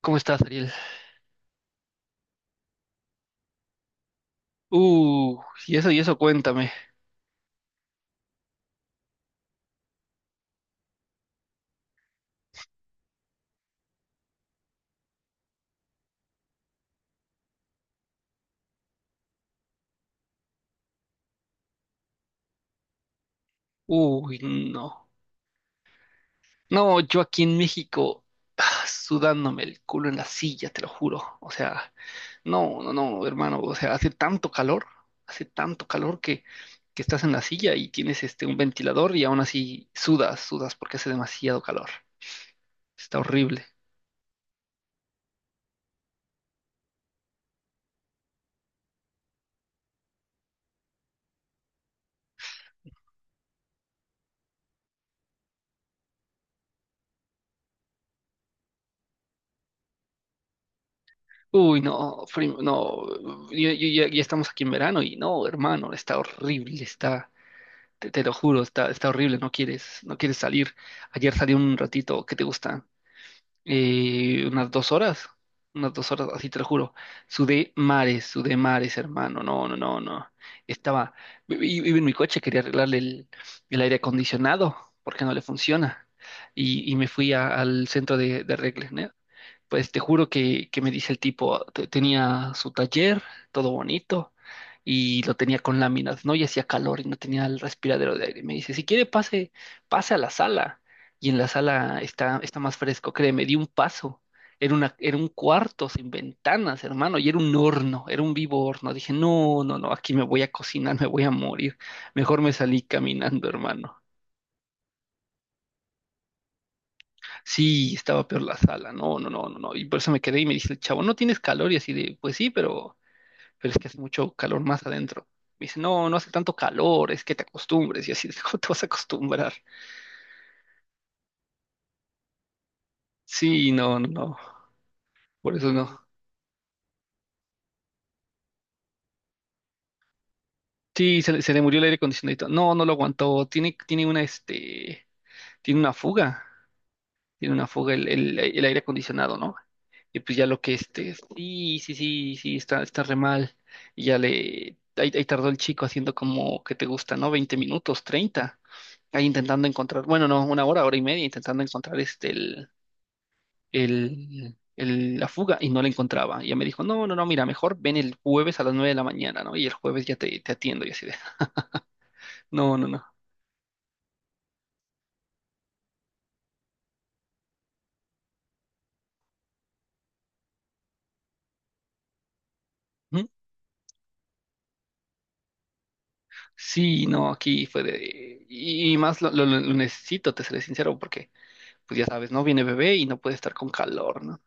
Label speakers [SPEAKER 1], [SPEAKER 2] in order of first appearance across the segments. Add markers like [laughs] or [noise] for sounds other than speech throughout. [SPEAKER 1] ¿Cómo estás, Ariel? Uh, y eso, cuéntame. Uy, no. No, yo aquí en México, sudándome el culo en la silla, te lo juro. O sea, no, no, no, hermano. O sea, hace tanto calor que estás en la silla y tienes un ventilador y aún así sudas, sudas porque hace demasiado calor. Está horrible. Uy, no, primo, no. Ya, ya estamos aquí en verano y no, hermano, está horrible, está. Te lo juro, está, está horrible, no quieres, no quieres salir. Ayer salí un ratito, ¿qué te gusta? Unas 2 horas, unas 2 horas, así te lo juro. Sudé mares, hermano, no, no, no, no. Estaba, iba en mi coche, quería arreglarle el aire acondicionado, porque no le funciona. Y me fui al centro de arregles, pues te juro que me dice el tipo, tenía su taller, todo bonito, y lo tenía con láminas, ¿no? Y hacía calor y no tenía el respiradero de aire. Me dice, si quiere pase, pase a la sala. Y en la sala está, está más fresco, créeme, di un paso. Era una, era un cuarto sin ventanas, hermano, y era un horno, era un vivo horno. Dije, no, no, no, aquí me voy a cocinar. [laughs] Me voy a morir. Mejor me salí caminando, hermano. Sí, estaba peor la sala, no, no, no, no, no. Y por eso me quedé y me dice el chavo, ¿no tienes calor? Y así de, pues sí, pero es que hace mucho calor más adentro. Me dice, no, no hace tanto calor, es que te acostumbres. Y así de, [laughs] ¿cómo te vas a acostumbrar? Sí, no, no, no, por eso no. Sí, se le murió el aire acondicionado, y todo. No, no lo aguantó. Tiene, tiene una, tiene una fuga. Tiene una fuga el, el aire acondicionado, ¿no? Y pues ya lo que sí, sí, sí, sí, está, está re mal. Y ya le, ahí, ahí tardó el chico haciendo como que te gusta, ¿no? 20 minutos, treinta, ahí intentando encontrar, bueno, no, una hora, hora y media, intentando encontrar el, la fuga y no la encontraba. Y ya me dijo, no, no, no, mira, mejor ven el jueves a las 9 de la mañana, ¿no? Y el jueves ya te atiendo y así de, no, no, no. ¿Mm? Sí, no, aquí fue de... Y y más lo, lo necesito, te seré sincero, porque pues ya sabes, ¿no? Viene bebé y no puede estar con calor, ¿no?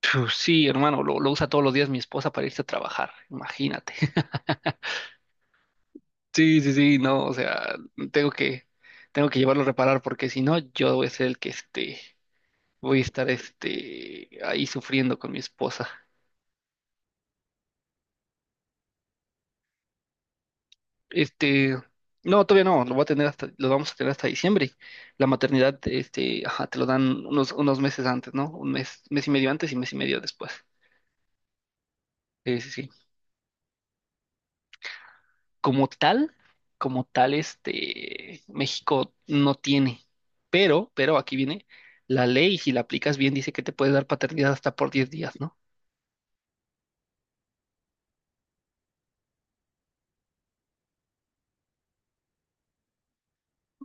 [SPEAKER 1] Sí, hermano, lo usa todos los días mi esposa para irse a trabajar, imagínate. [laughs] Sí, sí, sí, no, o sea, tengo que, tengo que llevarlo a reparar porque si no, yo voy a ser el que voy a estar ahí sufriendo con mi esposa. Este, no, todavía no, lo voy a tener hasta, lo vamos a tener hasta diciembre. La maternidad, ajá, te lo dan unos, unos meses antes, ¿no? Un mes, mes y medio antes y mes y medio después. Sí, sí, sí. Como tal, como tal, México no tiene, pero aquí viene la ley, si la aplicas bien, dice que te puede dar paternidad hasta por 10 días, ¿no?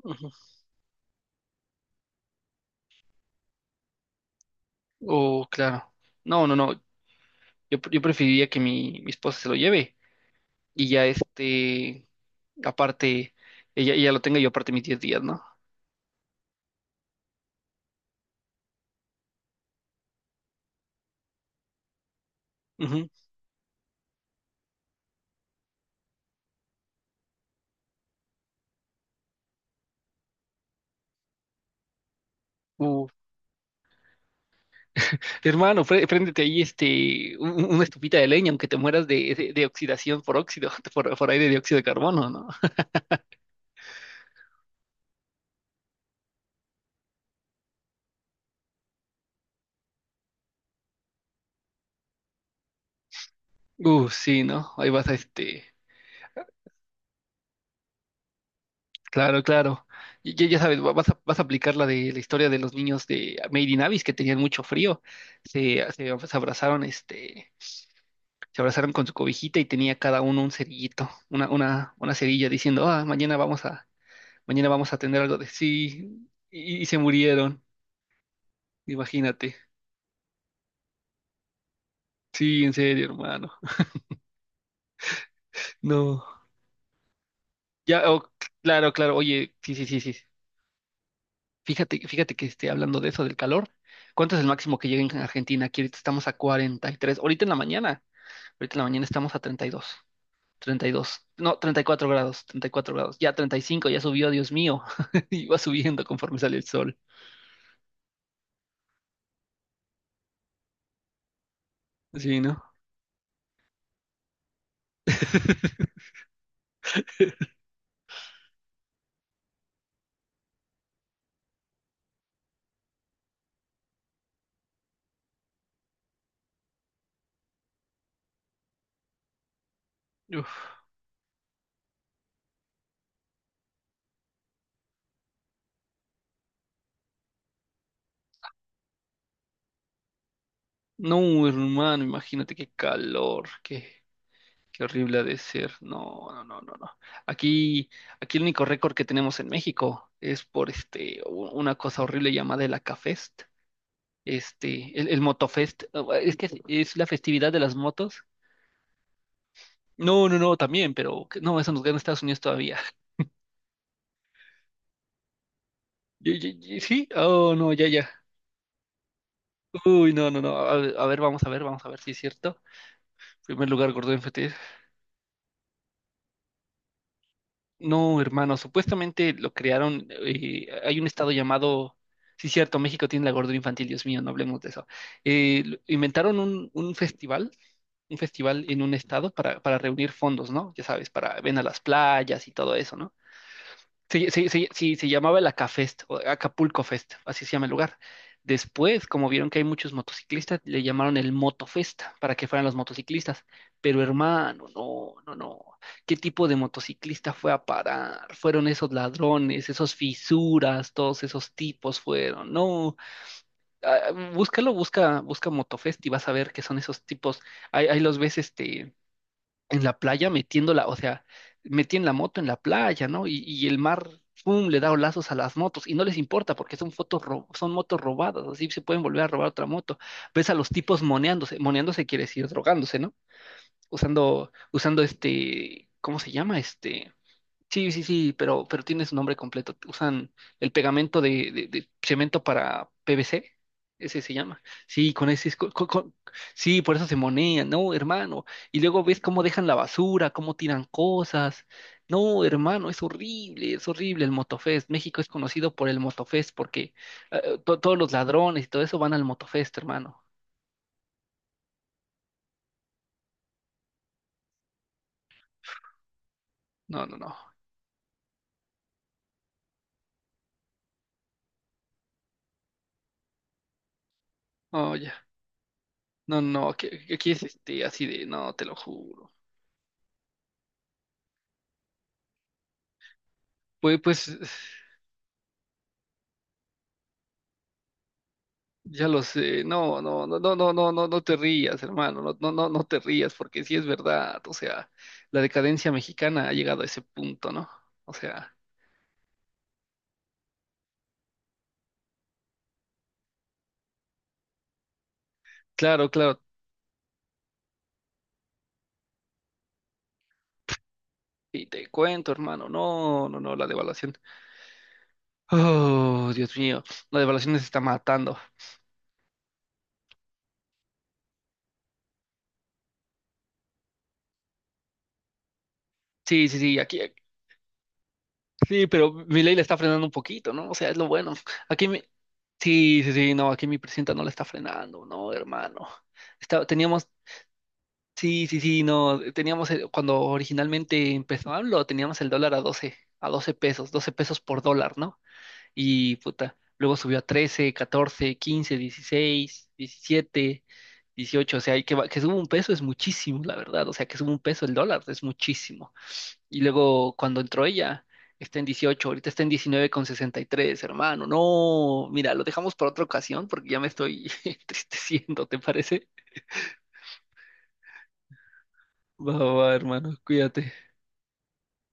[SPEAKER 1] Ujú. Oh, claro. No, no, no, yo preferiría que mi esposa se lo lleve y ya aparte, ella lo tenga y yo aparte mis 10 días, ¿no? Ujú. Uh, hermano, préndete ahí una estufita de leña, aunque te mueras de, de oxidación por óxido, [laughs] por aire de dióxido de carbono, ¿no? Sí, ¿no? Ahí vas a este. Claro, claro. Ya, ya sabes, vas a, vas a aplicar la de la historia de los niños de Made in Abyss que tenían mucho frío. Se, se abrazaron, se abrazaron con su cobijita y tenía cada uno un cerillito, una, una cerilla diciendo, ah, mañana vamos a tener algo de sí. Y se murieron, imagínate. Sí, en serio, hermano. No. Ya, oh, claro, claro. Oye, sí, sí, sí, sí. Fíjate, fíjate que esté hablando de eso, del calor. ¿Cuánto es el máximo que llega en Argentina? Aquí ahorita estamos a 43. Ahorita en la mañana. Ahorita en la mañana estamos a 32, 32. No, 34 grados, 34 grados. Ya 35, ya subió, Dios mío. [laughs] Y va subiendo conforme sale el sol. Sí, ¿no? [laughs] Uf. No, hermano, imagínate qué calor, qué, qué horrible ha de ser. No, no, no, no, no. Aquí, aquí el único récord que tenemos en México es por una cosa horrible llamada el Acafest. El Motofest, es que es la festividad de las motos. No, no, no, también, pero no, eso nos gana Estados Unidos todavía. [laughs] ¿Sí? Oh, no, ya, ya. Uy, no, no, no. A ver, a ver, vamos a ver, vamos a ver si es cierto. Primer lugar, Gordon FT. No, hermano, supuestamente lo crearon. Hay un estado llamado. Sí, cierto, México tiene la gordura infantil, Dios mío, no hablemos de eso. Inventaron un festival en un estado para reunir fondos, ¿no? Ya sabes, para ven a las playas y todo eso, ¿no? Sí, se llamaba el Acafest, o Acapulco Fest, así se llama el lugar. Después, como vieron que hay muchos motociclistas, le llamaron el Motofest para que fueran los motociclistas. Pero hermano, no, no, no. ¿Qué tipo de motociclista fue a parar? Fueron esos ladrones, esos fisuras, todos esos tipos fueron. No, ah, búscalo, busca, busca Motofest y vas a ver que son esos tipos. Ahí, ahí los ves, en la playa metiéndola, o sea, metían la moto en la playa, ¿no? Y el mar, ¡pum!, le da lazos a las motos y no les importa porque son son motos robadas, así se pueden volver a robar otra moto. Ves a los tipos moneándose, moneándose quiere decir drogándose, ¿no? Usando, usando ¿cómo se llama? Sí, sí, sí, pero tiene su nombre completo. Usan el pegamento de, de cemento para PVC, ese se llama. Sí, con ese es sí, por eso se monean, no, hermano. Y luego ves cómo dejan la basura, cómo tiran cosas. No, hermano, es horrible el Motofest. México es conocido por el Motofest porque todos los ladrones y todo eso van al Motofest, hermano. No, no, no. Oh, ya. No, no, aquí, aquí es así de, no, te lo juro. Pues, pues. Ya lo sé, no, no, no, no, no, no, no, no te rías, hermano, no, no, no, no te rías, porque sí es verdad, o sea, la decadencia mexicana ha llegado a ese punto, ¿no? O sea, claro, claro, y te cuento, hermano, no, no, no, la devaluación, oh, Dios mío, la devaluación nos está matando. Sí, sí, sí, aquí, sí, pero mi ley la está frenando un poquito, ¿no? O sea, es lo bueno. Aquí mi, sí, sí, sí, no, aquí mi presidenta no la está frenando, no, hermano. Teníamos. Sí, sí, sí, no, teníamos, cuando originalmente empezó AMLO, teníamos el dólar a 12 pesos, 12 pesos por dólar, ¿no? Y puta, luego subió a 13, 14, 15, 16, 17, 18. O sea, y que, que suba un peso es muchísimo, la verdad, o sea, que suba un peso el dólar es muchísimo. Y luego cuando entró ella, está en 18. Ahorita está en 19.63, hermano. No, mira, lo dejamos para otra ocasión porque ya me estoy [laughs] entristeciendo, ¿te parece? Va, va, va, hermano, cuídate.